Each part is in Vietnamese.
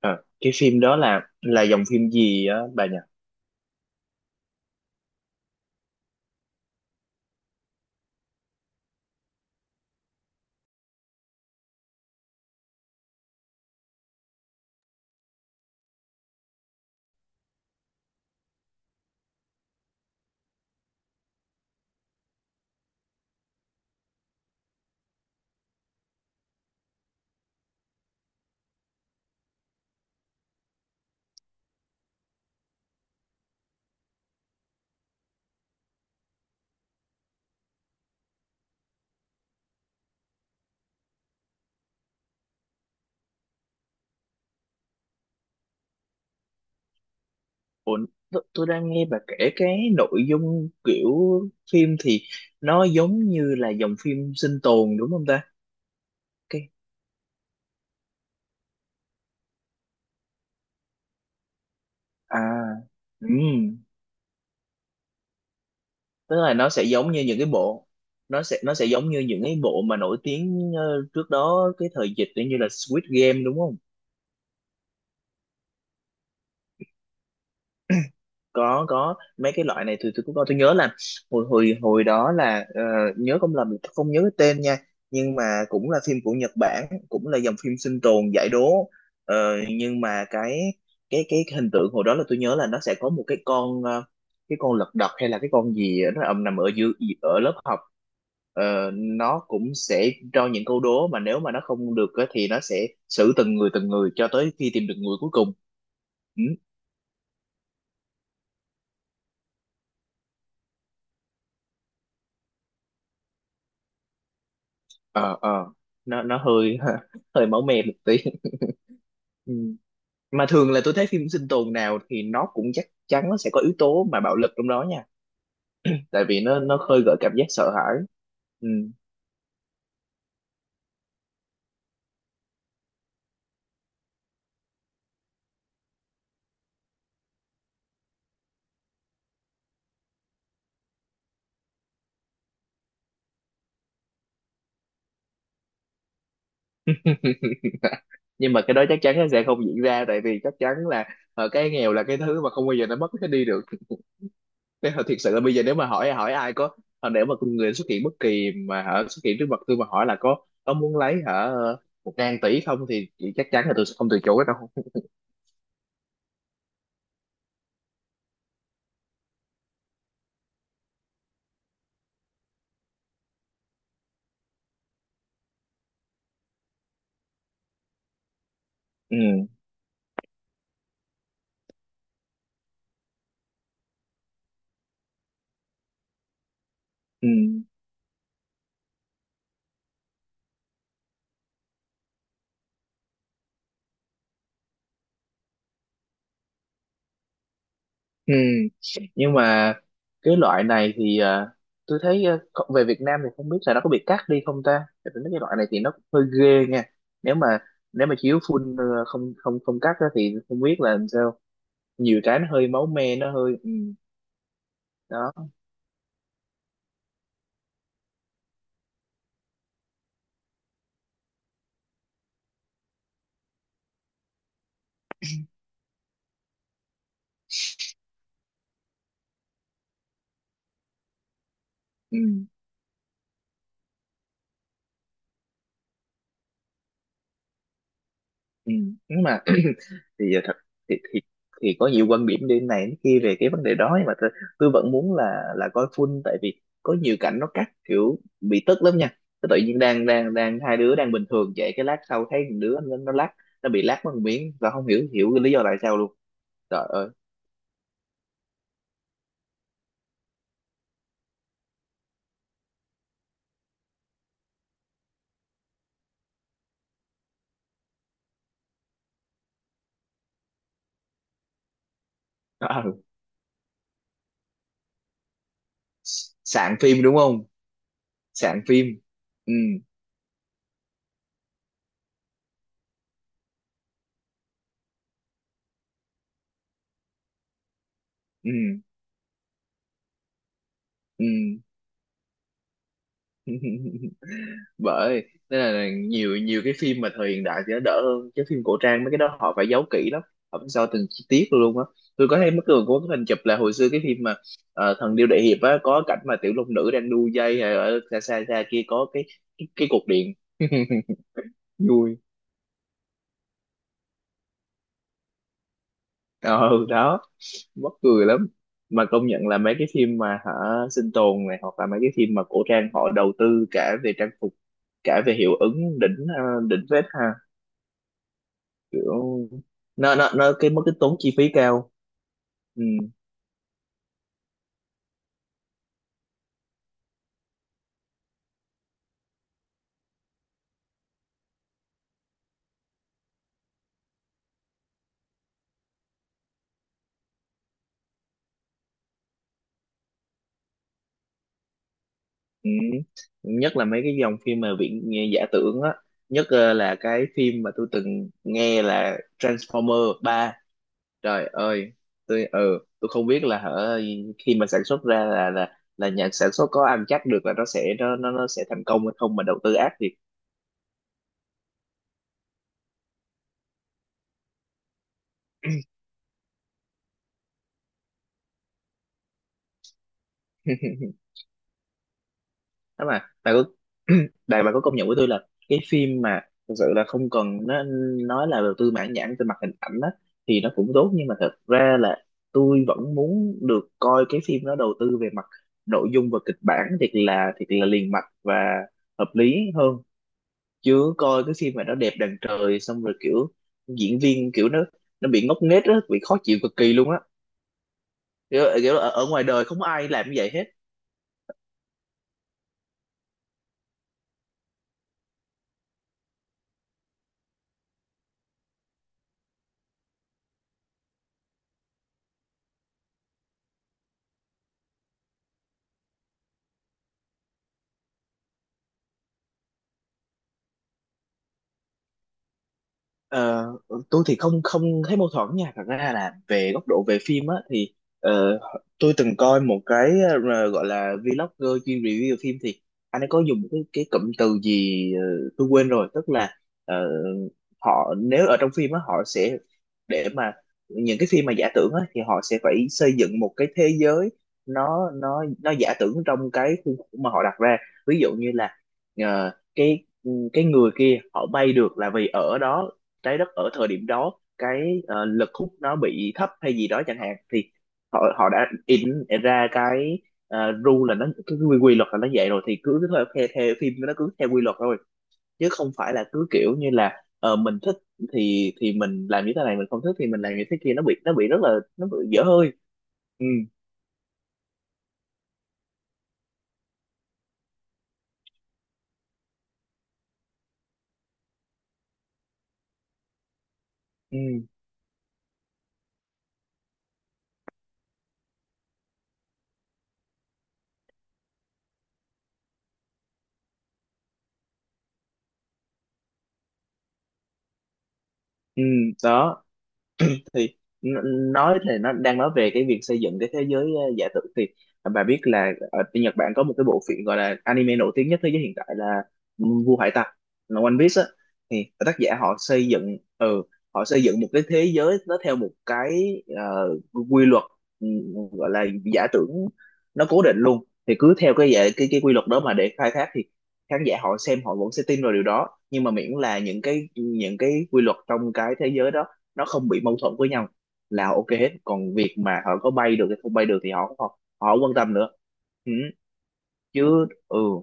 Ờ, cái phim đó là dòng phim gì á bà nhỉ? Ủa, tôi đang nghe bà kể cái nội dung kiểu phim thì nó giống như là dòng phim sinh tồn đúng không ta? Cái à ừm, Tức là nó sẽ giống như những cái bộ, nó sẽ giống như những cái bộ mà nổi tiếng trước đó cái thời dịch như là Squid Game đúng không? Có mấy cái loại này tôi cũng có, tôi nhớ là hồi hồi hồi đó là nhớ không lầm, tôi không nhớ cái tên nha, nhưng mà cũng là phim của Nhật Bản, cũng là dòng phim sinh tồn giải đố. Ờ, nhưng mà cái hình tượng hồi đó là tôi nhớ là nó sẽ có một cái con cái con lật đật hay là cái con gì á, nó ầm nằm ở dưới, ở lớp học. Ờ, nó cũng sẽ cho những câu đố mà nếu mà nó không được á thì nó sẽ xử từng người cho tới khi tìm được người cuối cùng. Ừ, ờ ờ, nó hơi hơi máu me một tí. Ừ, mà thường là tôi thấy phim sinh tồn nào thì nó cũng chắc chắn nó sẽ có yếu tố mà bạo lực trong đó nha, tại vì nó khơi gợi cảm giác sợ hãi. Ừ. Nhưng mà cái đó chắc chắn nó sẽ không diễn ra, tại vì chắc chắn là cái nghèo là cái thứ mà không bao giờ nó mất cái đi được. Thế thật, thiệt sự là bây giờ nếu mà hỏi hỏi ai có nếu mà con người xuất hiện bất kỳ mà hả, xuất hiện trước mặt tôi mà hỏi là có muốn lấy hả 1.000 tỷ không thì chắc chắn là tôi sẽ không từ chối đâu. Ừ, ừ. Ừ. Nhưng mà cái loại này thì tôi thấy à, kho- về Việt Nam thì không biết là nó có bị cắt đi không ta? Tại vì mấy cái loại này thì nó cũng hơi ghê nha. Nếu mà nếu mà chiếu full không không không cắt á thì không biết là làm sao. Nhiều cái nó hơi máu me, nó hơi ừ. Đó. Ừ. Ừ. Nhưng mà thì giờ thật thì, thì thì có nhiều quan điểm đi này đến kia về cái vấn đề đó, nhưng mà tôi vẫn muốn là coi full, tại vì có nhiều cảnh nó cắt kiểu bị tức lắm nha. Tôi tự nhiên đang đang đang hai đứa đang bình thường vậy cái lát sau thấy một đứa nó lắc, nó bị lắc mất một miếng và không hiểu hiểu cái lý do tại sao luôn, trời ơi. À, sạn phim đúng không, sạn phim. Ừ ừ ừ. Bởi nên là nhiều nhiều cái phim mà thời hiện đại thì nó đỡ hơn, cái phim cổ trang mấy cái đó họ phải giấu kỹ lắm, họ phải sao từng chi tiết luôn á. Tôi có thấy mấy cường có cái hình chụp là hồi xưa cái phim mà thần điêu đại hiệp á, có cảnh mà tiểu long nữ đang đu dây hay ở xa xa xa kia có cái cái cục điện. Vui. Ờ đó, mắc cười lắm. Mà công nhận là mấy cái phim mà hả sinh tồn này hoặc là mấy cái phim mà cổ trang họ đầu tư cả về trang phục, cả về hiệu ứng đỉnh, đỉnh phết ha. Kiểu nó nó cái mất cái tốn chi phí cao. Ừ, ừ. Nhất là mấy cái dòng phim mà viễn giả tưởng á, nhất là cái phim mà tôi từng nghe là Transformer 3. Trời ơi, tôi tôi không biết là hở, khi mà sản xuất ra là nhà sản xuất có ăn chắc được là nó sẽ thành công hay không mà đầu tư ác thiệt. Đó, mà bà có đại, bà có công nhận với tôi là cái phim mà thực sự là không cần nó nói là đầu tư mãn nhãn về mặt hình ảnh á thì nó cũng tốt, nhưng mà thật ra là tôi vẫn muốn được coi cái phim nó đầu tư về mặt nội dung và kịch bản thiệt là, thiệt là liền mạch và hợp lý hơn. Chứ coi cái phim mà nó đẹp đàn trời xong rồi kiểu diễn viên kiểu nó bị ngốc nghếch á, bị khó chịu cực kỳ luôn á, kiểu, kiểu ở, ở ngoài đời không có ai làm như vậy hết. Ờ, tôi thì không không thấy mâu thuẫn nha, thật ra là về góc độ về phim á thì ờ, tôi từng coi một cái gọi là vlogger chuyên review phim thì anh ấy có dùng cái cụm từ gì tôi quên rồi. Tức là ờ, họ nếu ở trong phim á họ sẽ để mà những cái phim mà giả tưởng á thì họ sẽ phải xây dựng một cái thế giới nó nó giả tưởng trong cái khuôn khổ mà họ đặt ra. Ví dụ như là cái người kia họ bay được là vì ở đó trái đất ở thời điểm đó cái lực hút nó bị thấp hay gì đó chẳng hạn. Thì họ họ đã in ra cái rule, là nó cái quy luật là nó vậy rồi, thì cứ theo, theo phim nó cứ theo quy luật thôi, chứ không phải là cứ kiểu như là mình thích thì mình làm như thế này, mình không thích thì mình làm như thế kia. Nó bị nó bị rất là nó bị dở hơi. Ừ ừ ừ. Đó thì n- nói thì nó đang nói về cái việc xây dựng cái thế giới giả tưởng thì bà biết là ở bên Nhật Bản có một cái bộ phim gọi là anime nổi tiếng nhất thế giới hiện tại là Vua Hải Tặc, là One Piece á. Thì tác giả họ xây dựng ừ, họ xây dựng một cái thế giới nó theo một cái ờ, quy luật, ừ, gọi là giả tưởng, nó cố định luôn. Thì cứ theo cái cái quy luật đó mà để khai thác thì khán giả họ xem họ vẫn sẽ tin vào điều đó, nhưng mà miễn là những cái quy luật trong cái thế giới đó nó không bị mâu thuẫn với nhau là ok hết. Còn việc mà họ có bay được hay không bay được thì họ họ, họ không quan tâm nữa. Ừ, chứ ừ.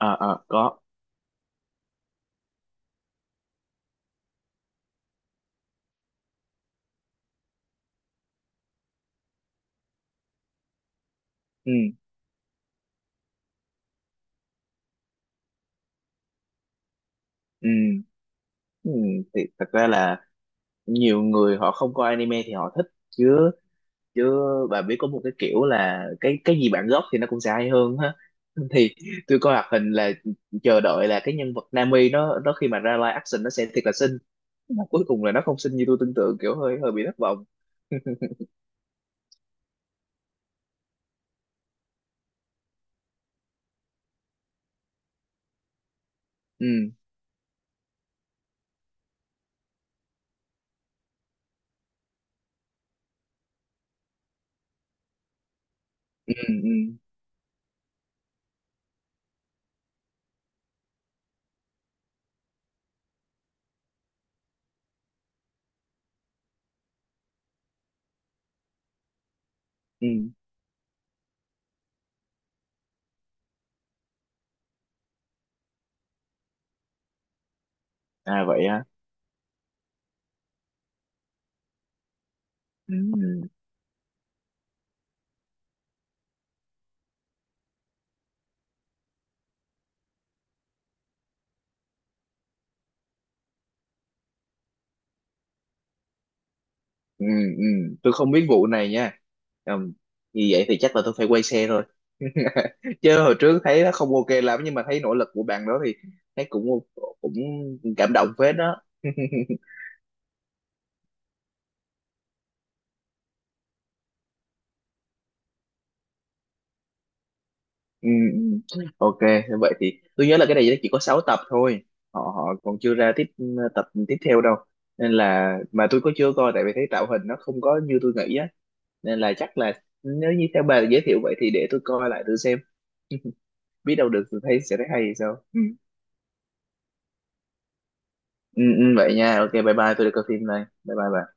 À, à, có. Ừ, ừ, ừ, thì thật ra là nhiều người họ không coi anime thì họ thích chứ, chứ bà biết có một cái kiểu là cái gì bản gốc thì nó cũng sẽ hay hơn ha. Thì tôi coi hoạt hình là chờ đợi là cái nhân vật Nami nó khi mà ra live action nó sẽ thiệt là xinh, mà cuối cùng là nó không xinh như tôi tưởng tượng, kiểu hơi hơi bị thất vọng. Ừ ừ ừ ừ. À vậy á. Ừ. Ừ ừ, tôi không biết vụ này nha. Ừm, như vậy thì chắc là tôi phải quay xe rồi. Chứ hồi trước thấy nó không ok lắm, nhưng mà thấy nỗ lực của bạn đó thì thấy cũng cũng cảm động phết đó. Ừ, ừ. Ok, vậy thì tôi nhớ là cái này chỉ có 6 tập thôi, họ họ còn chưa ra tiếp ừ, tập tiếp theo đâu, nên là mà tôi có chưa coi tại vì thấy tạo hình nó không có như tôi nghĩ á. Nên là chắc là nếu như theo bà giới thiệu vậy thì để tôi coi lại tôi xem. Biết đâu được tôi thấy sẽ thấy hay thì sao. Ừ, ừ, vậy nha, ok bye bye, tôi đi coi phim đây, bye bye bà.